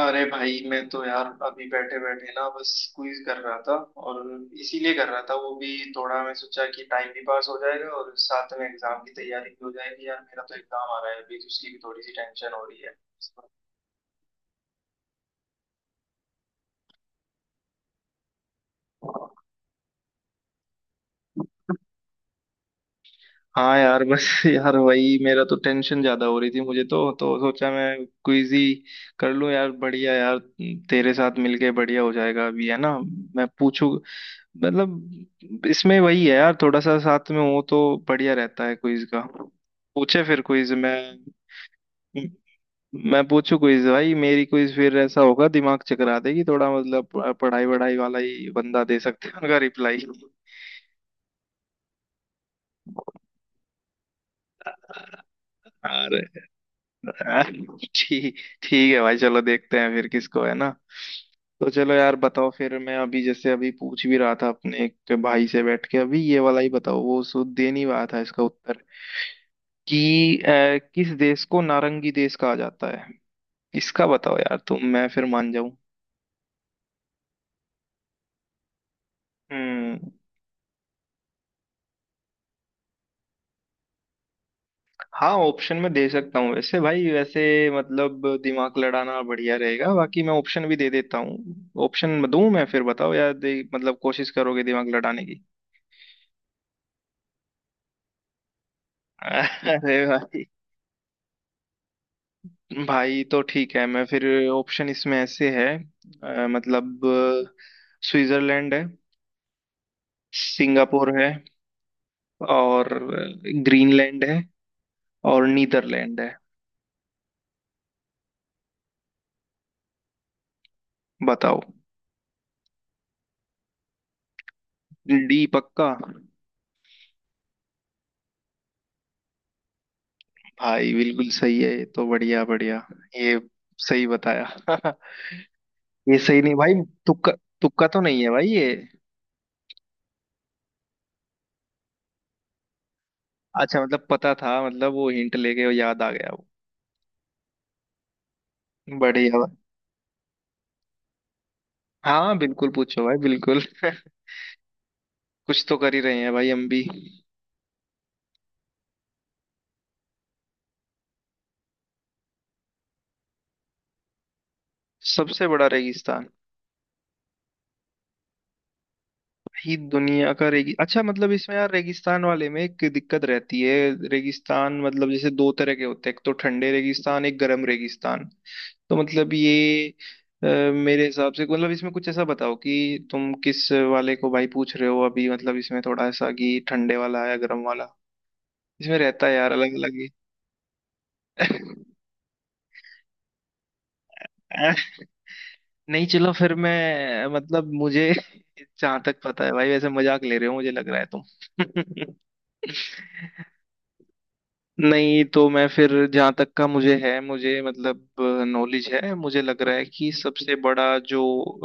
अरे भाई, मैं तो यार अभी बैठे बैठे ना बस क्विज कर रहा था। और इसीलिए कर रहा था वो भी, थोड़ा मैं सोचा कि टाइम भी पास हो जाएगा और साथ में एग्जाम की तैयारी भी हो जाएगी। यार मेरा तो एग्जाम आ रहा है अभी, तो उसकी भी थोड़ी सी टेंशन हो रही है। हाँ यार बस यार वही, मेरा तो टेंशन ज्यादा हो रही थी मुझे, तो सोचा मैं क्विज ही कर लूं यार। बढ़िया यार, तेरे साथ मिलके बढ़िया हो जाएगा अभी, है ना? मैं पूछू, मतलब इसमें वही है यार, थोड़ा सा साथ में हो तो बढ़िया रहता है क्विज का। पूछे फिर क्विज, मैं पूछू क्विज भाई। मेरी क्विज फिर ऐसा होगा दिमाग चकरा देगी थोड़ा, मतलब पढ़ाई वढ़ाई वाला ही बंदा दे सकते हैं उनका रिप्लाई। अरे ठीक ठीक है भाई, चलो देखते हैं फिर किसको, है ना? तो चलो यार बताओ फिर। मैं अभी जैसे अभी पूछ भी रहा था अपने एक भाई से बैठ के, अभी ये वाला ही बताओ, वो सो दे नहीं रहा था इसका उत्तर कि किस देश को नारंगी देश कहा जाता है? इसका बताओ यार तुम, मैं फिर मान जाऊं। हम्म। हाँ, ऑप्शन में दे सकता हूँ वैसे भाई, वैसे मतलब दिमाग लड़ाना बढ़िया रहेगा। बाकी मैं ऑप्शन भी दे देता हूँ, ऑप्शन दूं मैं फिर बताओ यार, दे, मतलब कोशिश करोगे दिमाग लड़ाने की? अरे भाई, भाई तो ठीक है मैं फिर ऑप्शन इसमें ऐसे है, मतलब स्विट्जरलैंड है, सिंगापुर है, और ग्रीनलैंड है, और नीदरलैंड है। बताओ। डी पक्का? भाई बिल्कुल सही है ये तो, बढ़िया बढ़िया ये, सही बताया। ये सही नहीं भाई। तुक्का तुक्का तो नहीं है भाई ये। अच्छा, मतलब पता था, मतलब वो हिंट लेके वो याद आ गया वो। बढ़िया भाई। हाँ बिल्कुल पूछो भाई बिल्कुल। कुछ तो कर ही रहे हैं भाई हम भी। सबसे बड़ा रेगिस्तान ही दुनिया का रेगी अच्छा, मतलब इसमें यार रेगिस्तान वाले में एक दिक्कत रहती है। रेगिस्तान मतलब जैसे दो तरह के होते हैं, एक तो ठंडे रेगिस्तान, एक गर्म रेगिस्तान। तो मतलब ये अ, मेरे हिसाब से, मतलब इसमें कुछ ऐसा बताओ कि तुम किस वाले को भाई पूछ रहे हो अभी, मतलब इसमें थोड़ा ऐसा कि ठंडे वाला या गर्म वाला इसमें रहता है यार अलग अलग ही। नहीं चलो फिर मैं मतलब मुझे जहाँ तक पता है भाई, वैसे मजाक ले रहे हो मुझे लग रहा है तुम। नहीं, तो मैं फिर जहाँ तक का मुझे है, मुझे मतलब नॉलेज है, मुझे लग रहा है कि सबसे बड़ा जो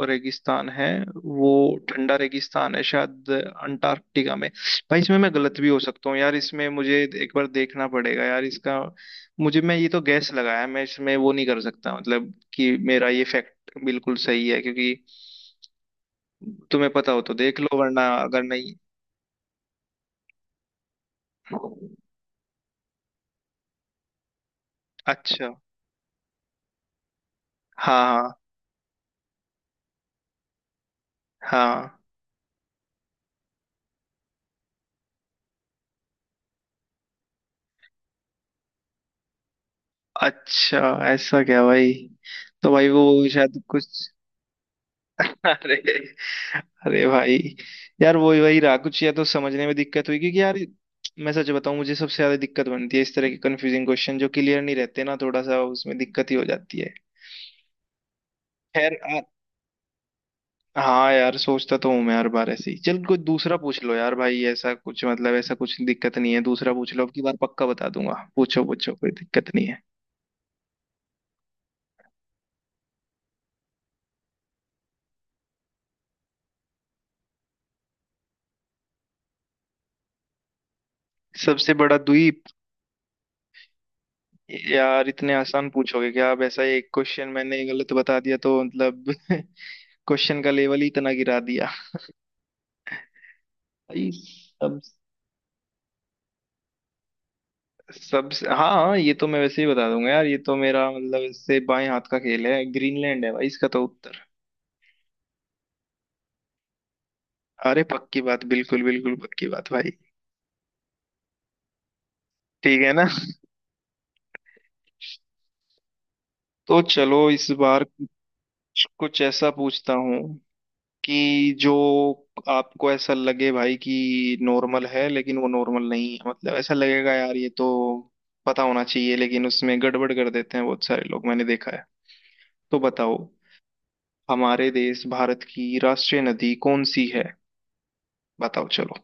रेगिस्तान है वो ठंडा रेगिस्तान है शायद, अंटार्कटिका में। भाई इसमें मैं गलत भी हो सकता हूँ यार, इसमें मुझे एक बार देखना पड़ेगा यार इसका। मुझे, मैं ये तो गैस लगाया, मैं इसमें वो नहीं कर सकता मतलब कि मेरा ये फैक्ट बिल्कुल सही है, क्योंकि तुम्हें पता हो तो देख लो वरना अगर नहीं। अच्छा। हाँ हाँ हाँ। अच्छा, ऐसा क्या भाई? तो भाई वो शायद कुछ अरे, अरे भाई यार, वही वही रहा कुछ, या तो समझने में दिक्कत हुई, क्योंकि यार मैं सच बताऊं मुझे सबसे ज्यादा दिक्कत बनती है इस तरह के कंफ्यूजिंग क्वेश्चन, जो क्लियर नहीं रहते ना, थोड़ा सा उसमें दिक्कत ही हो जाती है। खैर हाँ यार, सोचता तो हूँ मैं हर बार ऐसे ही। चल, कोई दूसरा पूछ लो यार भाई, ऐसा कुछ मतलब ऐसा कुछ दिक्कत नहीं है, दूसरा पूछ लो, अब की बार पक्का बता दूंगा, पूछो पूछो कोई दिक्कत नहीं है। सबसे बड़ा द्वीप? यार इतने आसान पूछोगे क्या आप? ऐसा एक क्वेश्चन मैंने गलत बता दिया तो मतलब क्वेश्चन का लेवल ही इतना गिरा दिया भाई। सब सब हाँ हाँ, ये तो मैं वैसे ही बता दूंगा यार, ये तो मेरा मतलब इससे बाएं हाथ का खेल है। ग्रीनलैंड है भाई इसका तो उत्तर। अरे पक्की बात, बिल्कुल बिल्कुल पक्की बात भाई। ठीक है ना? तो चलो इस बार कुछ, कुछ ऐसा पूछता हूँ कि जो आपको ऐसा लगे भाई कि नॉर्मल है लेकिन वो नॉर्मल नहीं है, मतलब ऐसा लगेगा यार ये तो पता होना चाहिए, लेकिन उसमें गड़बड़ कर देते हैं बहुत सारे लोग मैंने देखा है। तो बताओ, हमारे देश भारत की राष्ट्रीय नदी कौन सी है? बताओ चलो।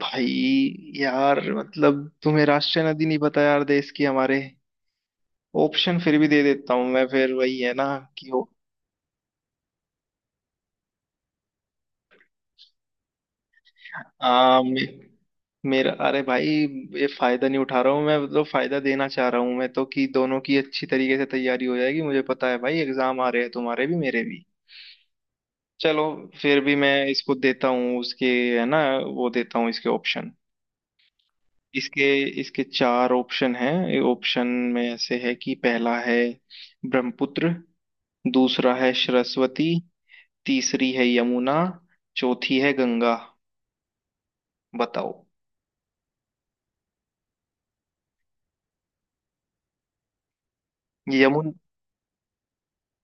भाई यार मतलब तुम्हें राष्ट्रीय नदी नहीं पता यार, देश की हमारे? ऑप्शन फिर भी दे देता हूँ मैं, फिर वही है ना कि आ, मे, मेरा, अरे भाई ये फायदा नहीं उठा रहा हूँ मैं, मतलब फायदा देना चाह रहा हूँ मैं तो, कि दोनों की अच्छी तरीके से तैयारी हो जाएगी। मुझे पता है भाई एग्जाम आ रहे हैं तुम्हारे भी, मेरे भी। चलो फिर भी मैं इसको देता हूँ उसके, है ना? वो देता हूँ इसके ऑप्शन। इसके इसके चार ऑप्शन हैं। ऑप्शन में ऐसे है कि पहला है ब्रह्मपुत्र, दूसरा है सरस्वती, तीसरी है यमुना, चौथी है गंगा। बताओ। यमुन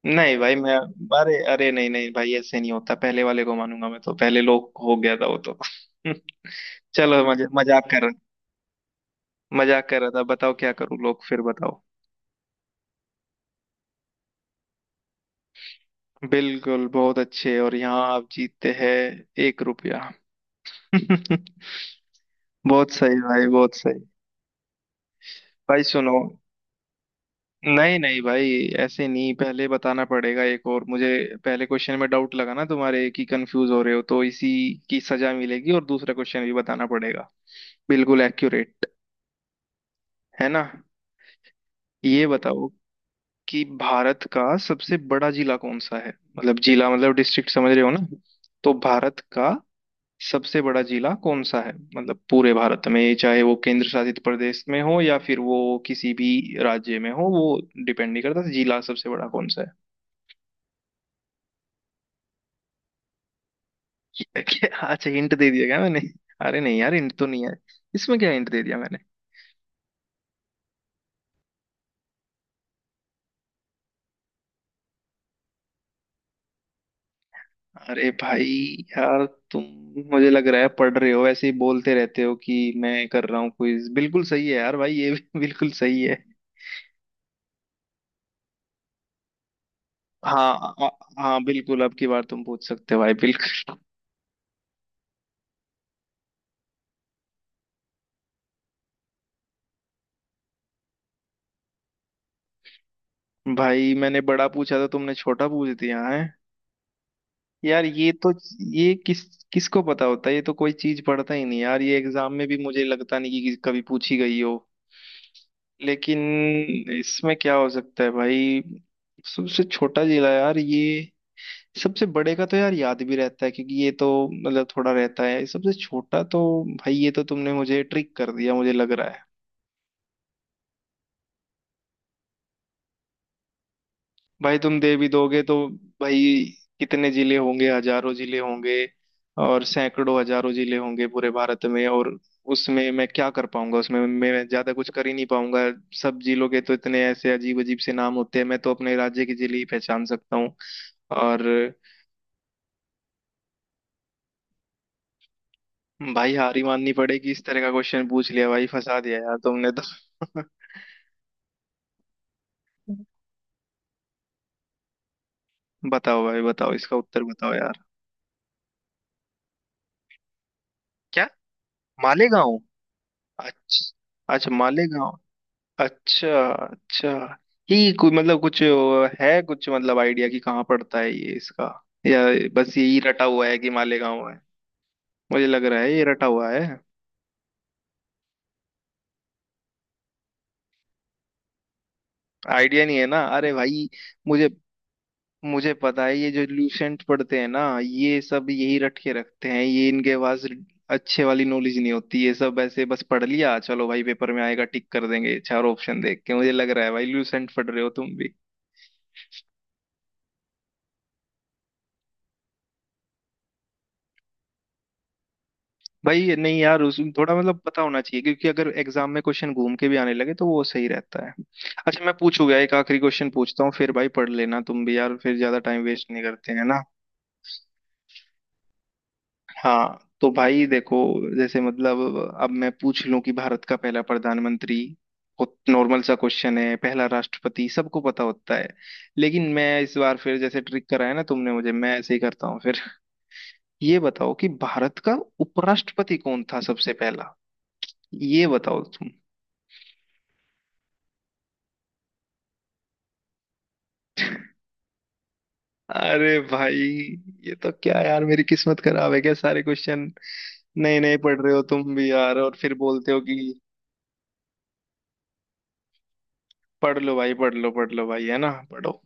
नहीं भाई मैं, अरे अरे नहीं नहीं भाई, ऐसे नहीं होता, पहले वाले को मानूंगा मैं तो, पहले लोग हो गया था वो तो। चलो मजाक कर रहा, मजाक कर रहा था, बताओ क्या करूं लोग फिर बताओ। बिल्कुल, बहुत अच्छे, और यहाँ आप जीतते हैं एक रुपया। बहुत सही भाई बहुत सही। भाई सुनो, नहीं नहीं भाई ऐसे नहीं, पहले बताना पड़ेगा एक और मुझे। पहले क्वेश्चन में डाउट लगा ना तुम्हारे कि कंफ्यूज हो रहे हो, तो इसी की सजा मिलेगी, और दूसरा क्वेश्चन भी बताना पड़ेगा, बिल्कुल एक्यूरेट। है ना? ये बताओ कि भारत का सबसे बड़ा जिला कौन सा है? मतलब जिला मतलब डिस्ट्रिक्ट, समझ रहे हो ना? तो भारत का सबसे बड़ा जिला कौन सा है, मतलब पूरे भारत में, चाहे वो केंद्र शासित प्रदेश में हो या फिर वो किसी भी राज्य में हो, वो डिपेंड नहीं करता, जिला सबसे बड़ा कौन सा है। अच्छा, हिंट दे दिया क्या मैंने? अरे नहीं यार, हिंट तो नहीं है, इसमें क्या हिंट दे दिया मैंने? अरे भाई यार तुम, मुझे लग रहा है पढ़ रहे हो, ऐसे ही बोलते रहते हो कि मैं कर रहा हूँ क्विज। बिल्कुल सही है यार भाई, ये भी बिल्कुल सही है। हाँ हाँ बिल्कुल, अब की बार तुम पूछ सकते हो भाई बिल्कुल। भाई, मैंने बड़ा पूछा था, तुमने छोटा पूछ दिया है। यार ये तो, ये किसको पता होता है ये तो, कोई चीज पढ़ता ही नहीं यार ये, एग्जाम में भी मुझे लगता नहीं कि कभी पूछी गई हो। लेकिन इसमें क्या हो सकता है भाई, सबसे छोटा जिला? यार ये सबसे बड़े का तो यार याद भी रहता है, क्योंकि ये तो मतलब थोड़ा रहता है, सबसे छोटा तो भाई ये तो तुमने मुझे ट्रिक कर दिया मुझे लग रहा है। भाई तुम दे भी दोगे तो भाई कितने जिले होंगे, हजारों जिले होंगे, और सैकड़ों हजारों जिले होंगे पूरे भारत में, और उसमें मैं क्या कर पाऊंगा, उसमें मैं ज्यादा कुछ कर ही नहीं पाऊंगा। सब जिलों के तो इतने ऐसे अजीब अजीब से नाम होते हैं, मैं तो अपने राज्य के जिले ही पहचान सकता हूँ। और भाई हार ही माननी पड़ेगी, इस तरह का क्वेश्चन पूछ लिया भाई, फंसा दिया यार तुमने तो। बताओ भाई, बताओ इसका उत्तर बताओ यार। क्या? मालेगांव? अच्छा, अच्छा मालेगांव। अच्छा अच्छा। ये कोई मतलब कुछ है, कुछ मतलब आइडिया कि कहाँ पड़ता है ये इसका, या बस यही रटा हुआ है कि मालेगांव है? मुझे लग रहा है ये रटा हुआ है। आइडिया नहीं है ना? अरे भाई, मुझे मुझे पता है, ये जो लूसेंट पढ़ते हैं ना ये सब, यही रट के रखते हैं ये, इनके पास अच्छे वाली नॉलेज नहीं होती, ये सब ऐसे बस पढ़ लिया, चलो भाई पेपर में आएगा टिक कर देंगे चार ऑप्शन देख के। मुझे लग रहा है भाई लूसेंट पढ़ रहे हो तुम भी। भाई ये नहीं यार, उस थोड़ा मतलब पता होना चाहिए, क्योंकि अगर एग्जाम में क्वेश्चन घूम के भी आने लगे तो वो सही रहता है। अच्छा मैं पूछूंगा एक आखिरी क्वेश्चन, पूछता हूँ फिर भाई पढ़ लेना तुम भी यार, फिर ज्यादा टाइम वेस्ट नहीं करते हैं ना। हाँ तो भाई देखो, जैसे मतलब अब मैं पूछ लूं कि भारत का पहला प्रधानमंत्री, बहुत नॉर्मल सा क्वेश्चन है, पहला राष्ट्रपति सबको पता होता है, लेकिन मैं इस बार फिर जैसे ट्रिक कराया ना तुमने मुझे, मैं ऐसे ही करता हूँ फिर। ये बताओ कि भारत का उपराष्ट्रपति कौन था सबसे पहला, ये बताओ तुम। अरे भाई ये तो क्या यार, मेरी किस्मत खराब है क्या, सारे क्वेश्चन नए नए पढ़ रहे हो तुम भी यार, और फिर बोलते हो कि पढ़ लो भाई पढ़ लो, पढ़ लो भाई, है ना? पढ़ो।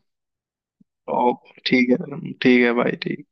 ओ ठीक है, ठीक है भाई, ठीक।